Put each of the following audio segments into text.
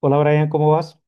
Hola Brian, ¿cómo vas?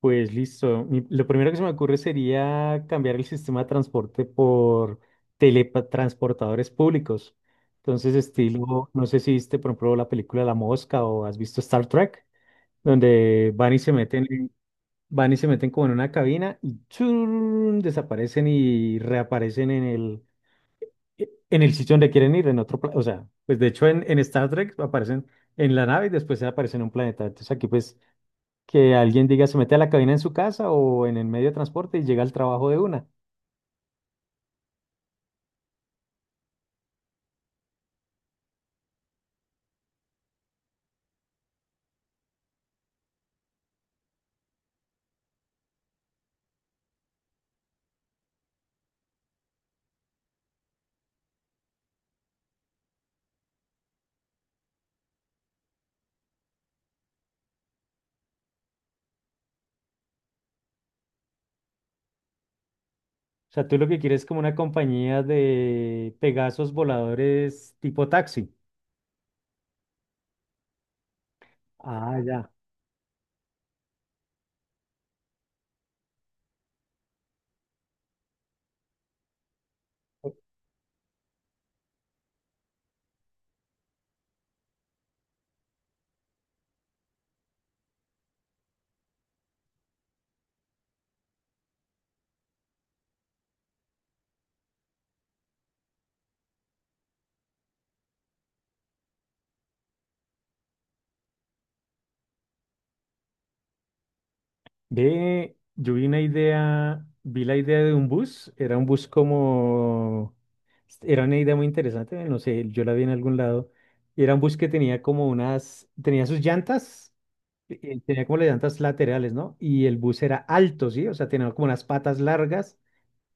Pues listo. Lo primero que se me ocurre sería cambiar el sistema de transporte por teletransportadores públicos. Entonces, estilo, no sé si viste, por ejemplo, la película La Mosca o has visto Star Trek, donde van y se meten, van y se meten como en una cabina y churun, desaparecen y reaparecen en el sitio donde quieren ir, en otro, planeta. O sea, pues de hecho en Star Trek aparecen en la nave y después aparecen en un planeta. Entonces aquí pues que alguien diga se mete a la cabina en su casa o en el medio de transporte y llega al trabajo de una. O sea, tú lo que quieres es como una compañía de Pegasos voladores tipo taxi. Ah, ya. Ve, yo vi una idea, vi la idea de un bus, era un bus como, era una idea muy interesante, no sé, yo la vi en algún lado, y era un bus que tenía como unas, tenía sus llantas, tenía como las llantas laterales, ¿no? Y el bus era alto, ¿sí? O sea, tenía como unas patas largas.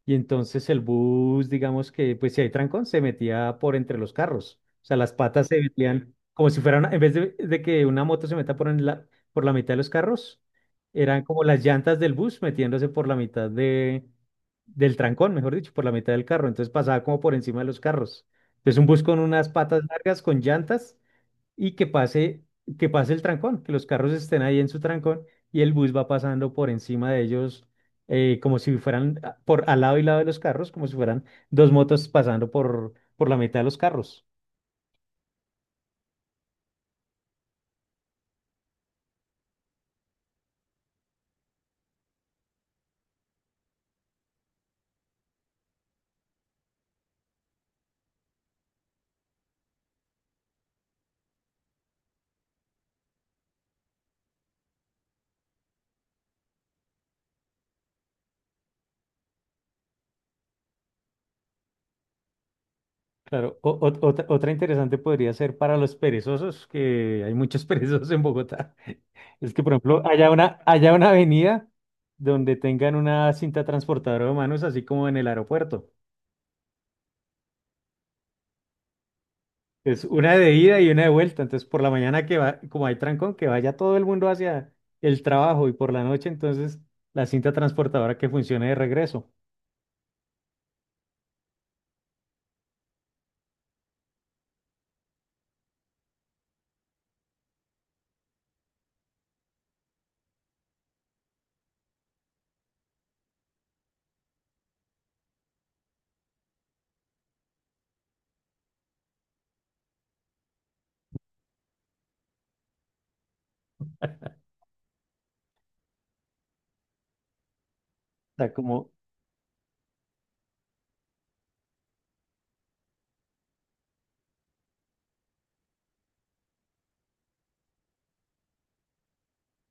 Y entonces el bus, digamos que, pues si hay trancón, se metía por entre los carros. O sea, las patas se metían como si fueran, en vez de que una moto se meta por, en la, por la mitad de los carros, eran como las llantas del bus metiéndose por la mitad de, del trancón, mejor dicho, por la mitad del carro. Entonces pasaba como por encima de los carros. Entonces un bus con unas patas largas, con llantas, y que pase el trancón, que los carros estén ahí en su trancón y el bus va pasando por encima de ellos, como si fueran ah, por al lado y lado de los carros, como si fueran dos motos pasando por la mitad de los carros. Claro, otra interesante podría ser para los perezosos, que hay muchos perezosos en Bogotá. Es que, por ejemplo, haya una avenida donde tengan una cinta transportadora de manos, así como en el aeropuerto. Es una de ida y una de vuelta. Entonces, por la mañana que va, como hay trancón, que vaya todo el mundo hacia el trabajo y por la noche, entonces la cinta transportadora que funcione de regreso. O sea, como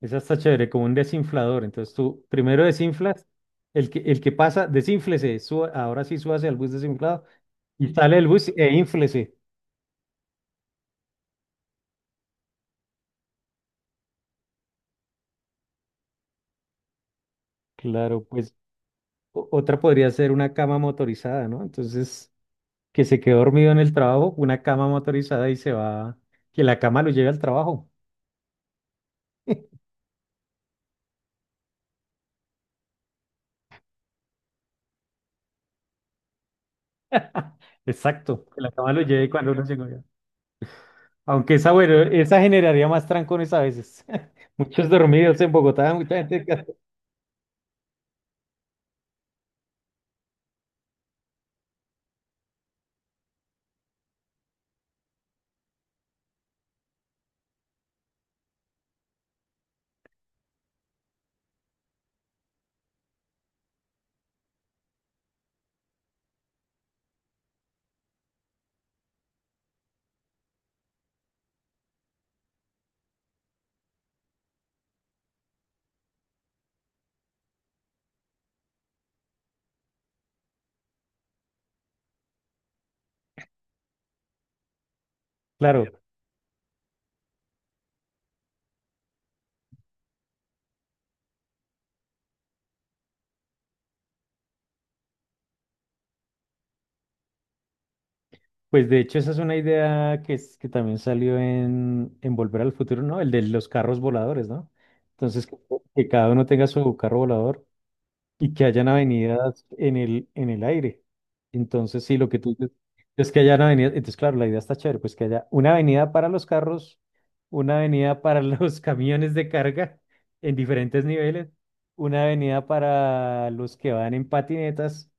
es hasta chévere, como un desinflador. Entonces, tú primero desinflas, el que pasa, desínflese, ahora sí súbase al bus desinflado y sale el bus e ínflese. Claro, pues otra podría ser una cama motorizada, ¿no? Entonces, que se quedó dormido en el trabajo, una cama motorizada y se va, que la cama lo lleve al trabajo. Exacto, que la cama lo lleve cuando uno llegó ya. Aunque esa, bueno, esa generaría más trancones a veces. Muchos dormidos en Bogotá, mucha gente. Que- Claro, pues de hecho esa es una idea que, es, que también salió en Volver al Futuro, ¿no? El de los carros voladores, ¿no? Entonces, que cada uno tenga su carro volador y que hayan avenidas en el aire. Entonces, sí, lo que tú dices es que hayan avenidas. Entonces, claro, la idea está chévere, pues que haya una avenida para los carros, una avenida para los camiones de carga en diferentes niveles, una avenida para los que van en patinetas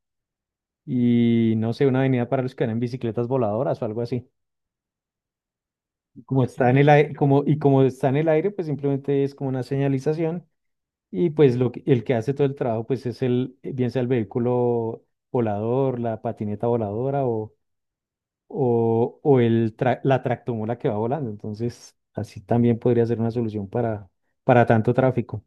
y no sé, una avenida para los que van en bicicletas voladoras o algo así. Como está en el aire, como, y como está en el aire, pues simplemente es como una señalización y pues el que hace todo el trabajo pues es el, bien sea el vehículo volador, la patineta voladora o el la tractomula que va volando. Entonces, así también podría ser una solución para tanto tráfico.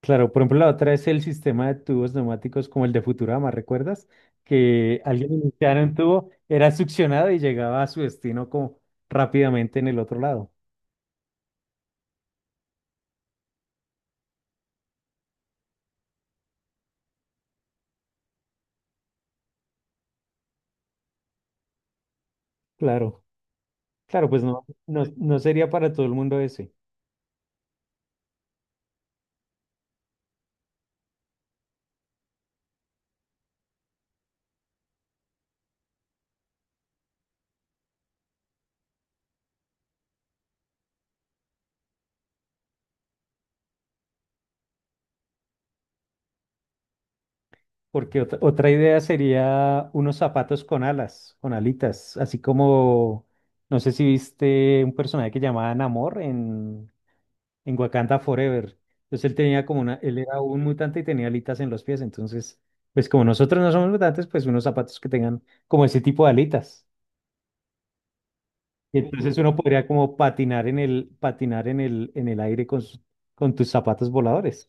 Claro, por ejemplo, la otra es el sistema de tubos neumáticos como el de Futurama, ¿recuerdas? Que alguien iniciara un tubo, era succionado y llegaba a su destino como rápidamente en el otro lado. Claro, claro, pues no, no, no sería para todo el mundo ese. Porque otra idea sería unos zapatos con alas, con alitas, así como, no sé si viste un personaje que llamaba Namor en Wakanda Forever. Entonces él tenía como una, él era un mutante y tenía alitas en los pies. Entonces, pues como nosotros no somos mutantes, pues unos zapatos que tengan como ese tipo de alitas. Y entonces uno podría como patinar en el aire con, con tus zapatos voladores.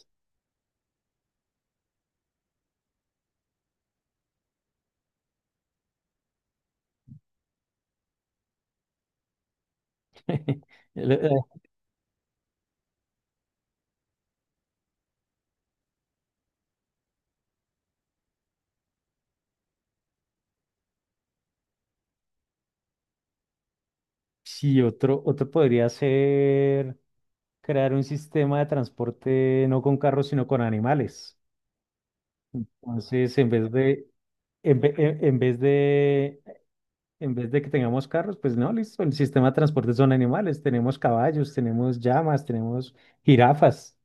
Sí, otro, otro podría ser. Crear un sistema de transporte no con carros, sino con animales. Entonces, en vez de, en, en vez de que tengamos carros, pues no, listo, el sistema de transporte son animales. Tenemos caballos, tenemos llamas, tenemos jirafas.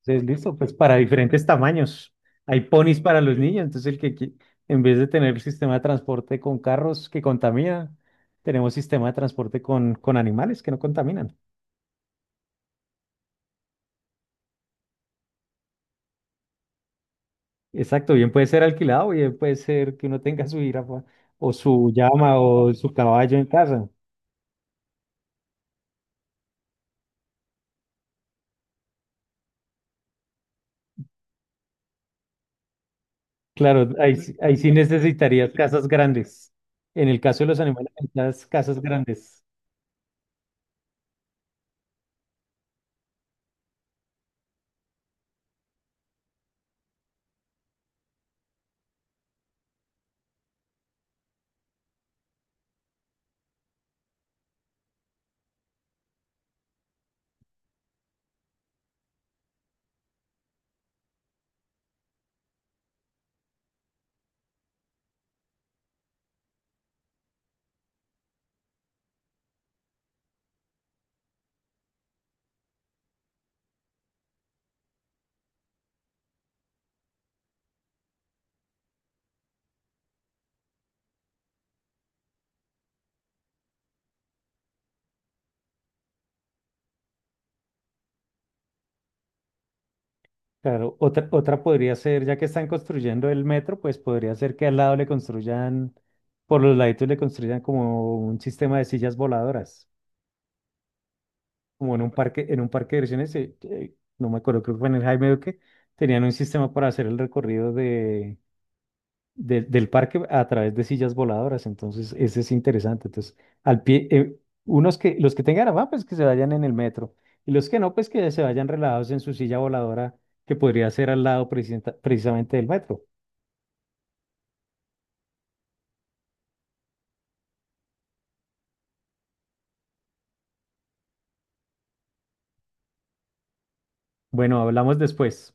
Entonces, listo, pues para diferentes tamaños. Hay ponis para los niños, entonces el que, qui- en vez de tener el sistema de transporte con carros que contamina, tenemos sistema de transporte con animales que no contaminan. Exacto, bien puede ser alquilado, bien puede ser que uno tenga su jirafa o su llama o su caballo en casa. Claro, ahí sí necesitarías casas grandes. En el caso de los animales, necesitas casas grandes. Claro, otra, otra podría ser, ya que están construyendo el metro, pues podría ser que al lado le construyan, por los laditos le construyan como un sistema de sillas voladoras, como en un parque de diversiones, no me acuerdo, creo que fue en el Jaime Duque, tenían un sistema para hacer el recorrido de del parque a través de sillas voladoras. Entonces, ese es interesante. Entonces, al pie, unos que, los que tengan afán, pues que se vayan en el metro. Y los que no, pues que se vayan relajados en su silla voladora, que podría ser al lado precisamente del metro. Bueno, hablamos después.